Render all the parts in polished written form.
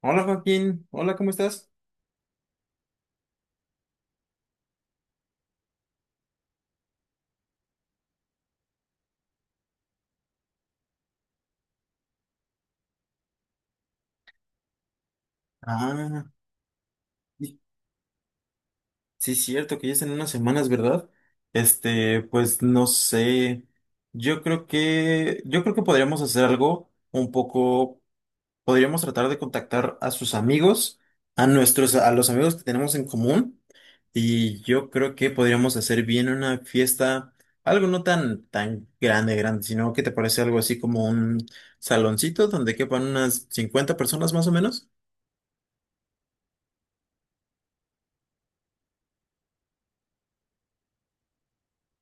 Hola Joaquín, hola, ¿cómo estás? Ah, sí, sí es cierto que ya es en unas semanas, ¿verdad? Este, pues no sé. Yo creo que podríamos hacer algo un poco, podríamos tratar de contactar a sus amigos, a los amigos que tenemos en común, y yo creo que podríamos hacer bien una fiesta, algo no tan, tan grande, grande, sino que te parece algo así como un saloncito donde quepan unas 50 personas más o menos.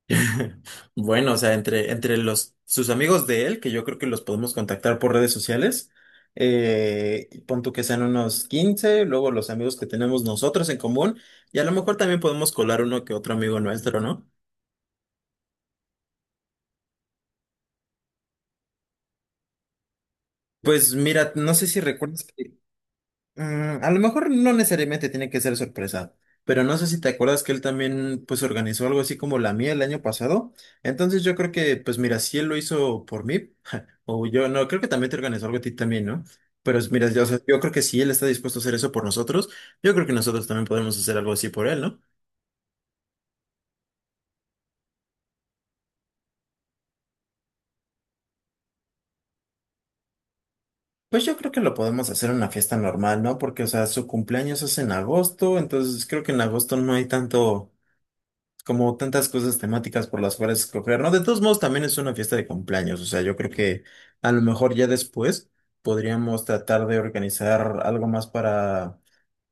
Bueno, o sea, entre los, sus amigos de él, que yo creo que los podemos contactar por redes sociales, pon tú que sean unos 15, luego los amigos que tenemos nosotros en común, y a lo mejor también podemos colar uno que otro amigo nuestro, ¿no? Pues mira, no sé si recuerdas. Mm, a lo mejor no necesariamente tiene que ser sorpresa, pero no sé si te acuerdas que él también pues organizó algo así como la mía el año pasado. Entonces yo creo que pues mira, si él lo hizo por mí, o yo no, creo que también te organizó algo a ti también, ¿no? Pero mira, yo, o sea, yo creo que si él está dispuesto a hacer eso por nosotros, yo creo que nosotros también podemos hacer algo así por él, ¿no? Pues yo creo que lo podemos hacer en una fiesta normal, ¿no? Porque, o sea, su cumpleaños es en agosto, entonces creo que en agosto no hay tanto como tantas cosas temáticas por las cuales escoger, ¿no? De todos modos, también es una fiesta de cumpleaños, o sea, yo creo que a lo mejor ya después podríamos tratar de organizar algo más para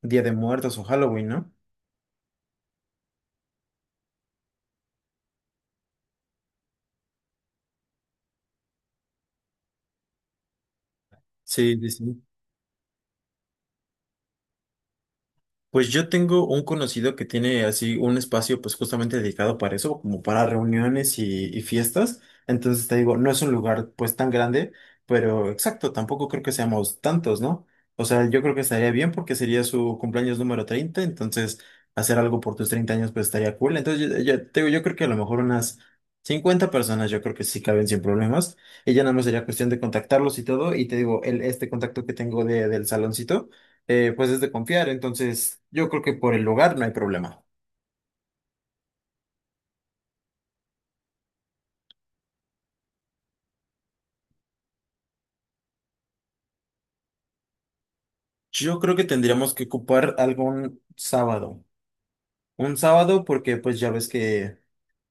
Día de Muertos o Halloween, ¿no? Sí, sí, sí. Pues yo tengo un conocido que tiene así un espacio pues justamente dedicado para eso, como para reuniones y fiestas. Entonces te digo, no es un lugar pues tan grande, pero exacto, tampoco creo que seamos tantos, ¿no? O sea, yo creo que estaría bien porque sería su cumpleaños número 30 entonces hacer algo por tus 30 años pues estaría cool. Entonces yo te digo, yo creo que a lo mejor unas 50 personas yo creo que sí caben sin problemas. Y ya nada más sería cuestión de contactarlos y todo. Y te digo, este contacto que tengo del saloncito pues es de confiar, entonces yo creo que por el lugar no hay problema. Yo creo que tendríamos que ocupar algún sábado. Un sábado porque pues ya ves que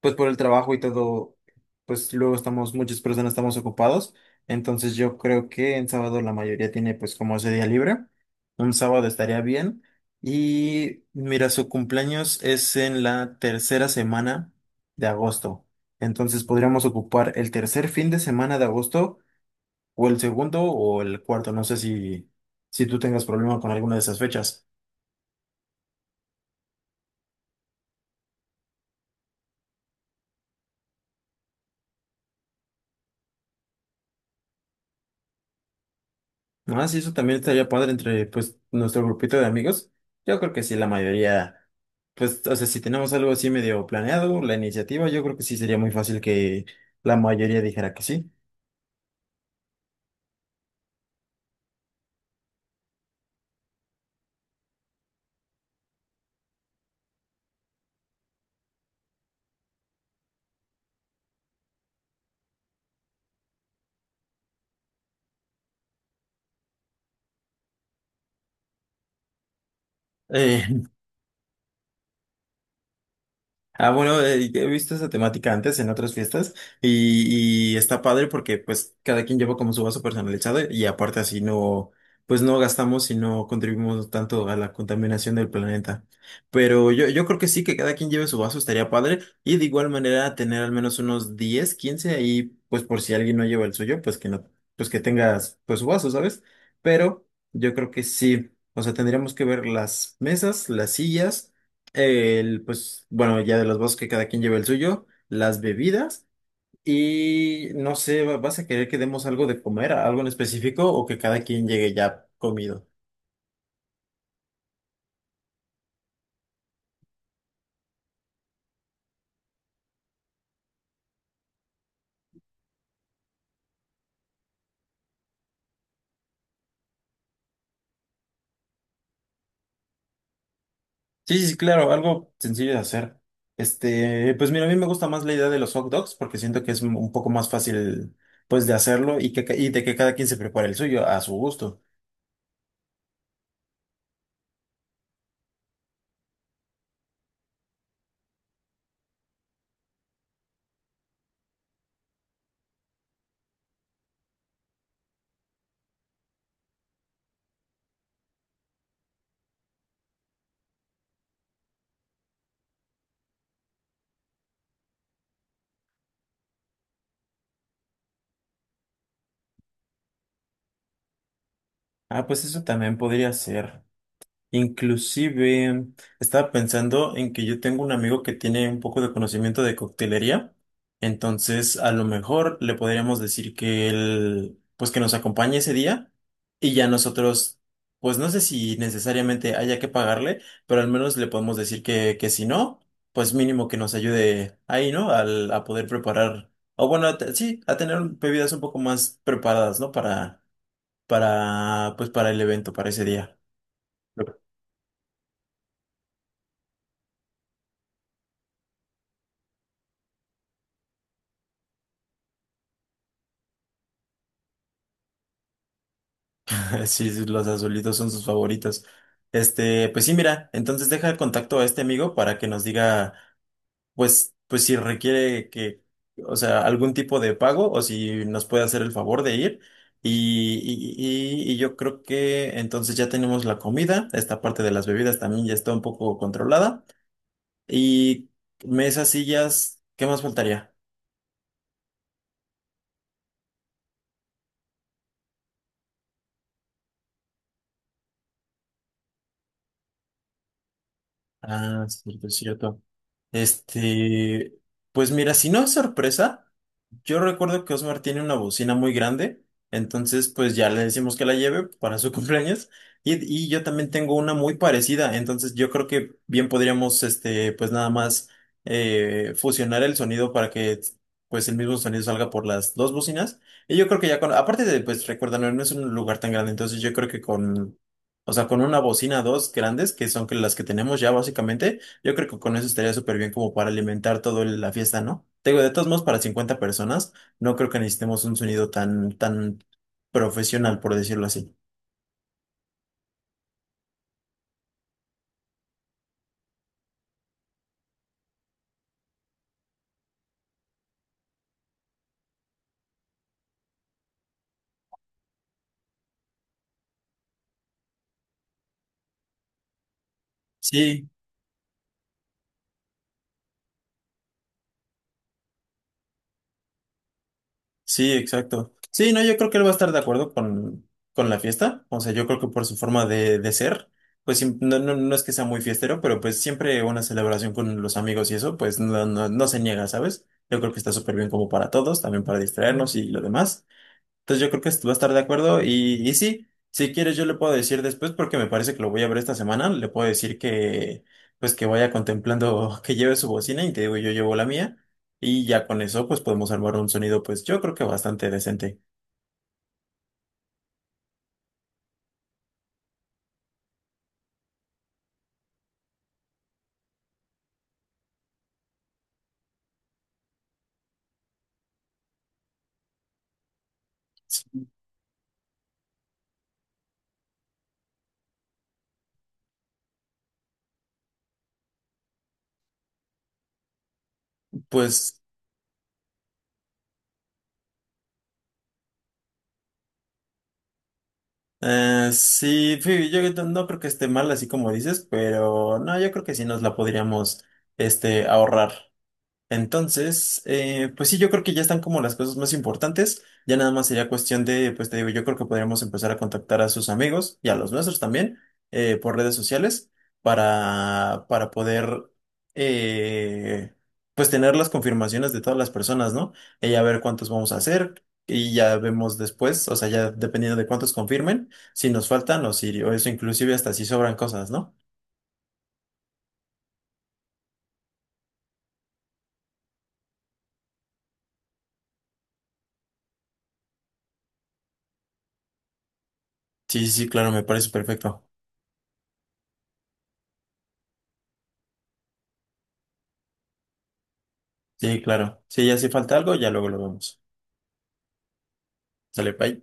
pues por el trabajo y todo, pues luego estamos, muchas personas estamos ocupados, entonces yo creo que en sábado la mayoría tiene pues como ese día libre. Un sábado estaría bien. Y mira, su cumpleaños es en la tercera semana de agosto. Entonces podríamos ocupar el tercer fin de semana de agosto o el segundo o el cuarto, no sé si, si tú tengas problema con alguna de esas fechas. No, sí, eso también estaría padre entre pues nuestro grupito de amigos. Yo creo que sí, la mayoría, pues, o sea, si tenemos algo así medio planeado, la iniciativa, yo creo que sí sería muy fácil que la mayoría dijera que sí. Eh, Ah, bueno, he visto esa temática antes en otras fiestas y está padre porque pues cada quien lleva como su vaso personalizado y aparte así no, pues no gastamos y no contribuimos tanto a la contaminación del planeta. Pero yo creo que sí, que cada quien lleve su vaso estaría padre y de igual manera tener al menos unos 10, 15 ahí, pues por si alguien no lleva el suyo, pues que no, pues que tengas pues su vaso, ¿sabes? Pero yo creo que sí, o sea, tendríamos que ver las mesas, las sillas. El, pues, bueno, ya de los vasos que cada quien lleva el suyo, las bebidas y no sé, ¿vas a querer que demos algo de comer, algo en específico o que cada quien llegue ya comido? Sí, sí, sí, claro, algo sencillo de hacer. Este, pues mira, a mí me gusta más la idea de los hot dogs porque siento que es un poco más fácil, pues, de hacerlo y que, y de que cada quien se prepare el suyo a su gusto. Ah, pues eso también podría ser. Inclusive estaba pensando en que yo tengo un amigo que tiene un poco de conocimiento de coctelería, entonces a lo mejor le podríamos decir que él, pues que nos acompañe ese día y ya nosotros, pues no sé si necesariamente haya que pagarle, pero al menos le podemos decir que si no, pues mínimo que nos ayude ahí, ¿no? A poder preparar, o bueno, sí, a tener bebidas un poco más preparadas, ¿no? Para, pues para el evento, para ese día. Sí, sí, los azulitos son sus favoritos. Este, pues sí, mira, entonces deja el contacto a este amigo para que nos diga, pues, pues si requiere o sea, algún tipo de pago o si nos puede hacer el favor de ir. Y yo creo que entonces ya tenemos la comida, esta parte de las bebidas también ya está un poco controlada. Y mesas, sillas, ¿qué más faltaría? Ah, sí, es cierto. Este, pues mira, si no es sorpresa, yo recuerdo que Osmar tiene una bocina muy grande, entonces pues ya le decimos que la lleve para su cumpleaños y yo también tengo una muy parecida, entonces yo creo que bien podríamos, este, pues nada más fusionar el sonido para que pues el mismo sonido salga por las dos bocinas y yo creo que ya con, aparte de pues recuerda, no no es un lugar tan grande, entonces yo creo que con, o sea, con una bocina, dos grandes que son que las que tenemos ya básicamente. Yo creo que con eso estaría súper bien como para alimentar toda la fiesta, ¿no? Te digo, de todos modos, para 50 personas, no creo que necesitemos un sonido tan, tan profesional, por decirlo así. Sí, sí, exacto. Sí, no, yo creo que él va a estar de acuerdo con la fiesta. O sea, yo creo que por su forma de ser, pues no, no, no es que sea muy fiestero, pero pues siempre una celebración con los amigos y eso, pues no, no, no se niega, ¿sabes? Yo creo que está súper bien como para todos, también para distraernos y lo demás. Entonces yo creo que va a estar de acuerdo y sí, si quieres yo le puedo decir después porque me parece que lo voy a ver esta semana, le puedo decir que pues que vaya contemplando que lleve su bocina y te digo yo llevo la mía y ya con eso pues podemos armar un sonido pues yo creo que bastante decente. Sí, pues sí, sí, yo no creo que esté mal así como dices, pero no, yo creo que sí nos la podríamos este ahorrar. Entonces, pues sí, yo creo que ya están como las cosas más importantes. Ya nada más sería cuestión de, pues te digo, yo creo que podríamos empezar a contactar a sus amigos y a los nuestros también por redes sociales para poder, eh, pues tener las confirmaciones de todas las personas, ¿no? Y ya ver cuántos vamos a hacer y ya vemos después, o sea, ya dependiendo de cuántos confirmen, si nos faltan o si, o eso inclusive hasta si sobran cosas, ¿no? Sí, sí, sí, claro, me parece perfecto. Sí, claro. Si ya si falta algo, ya luego lo vemos. Sale, bye.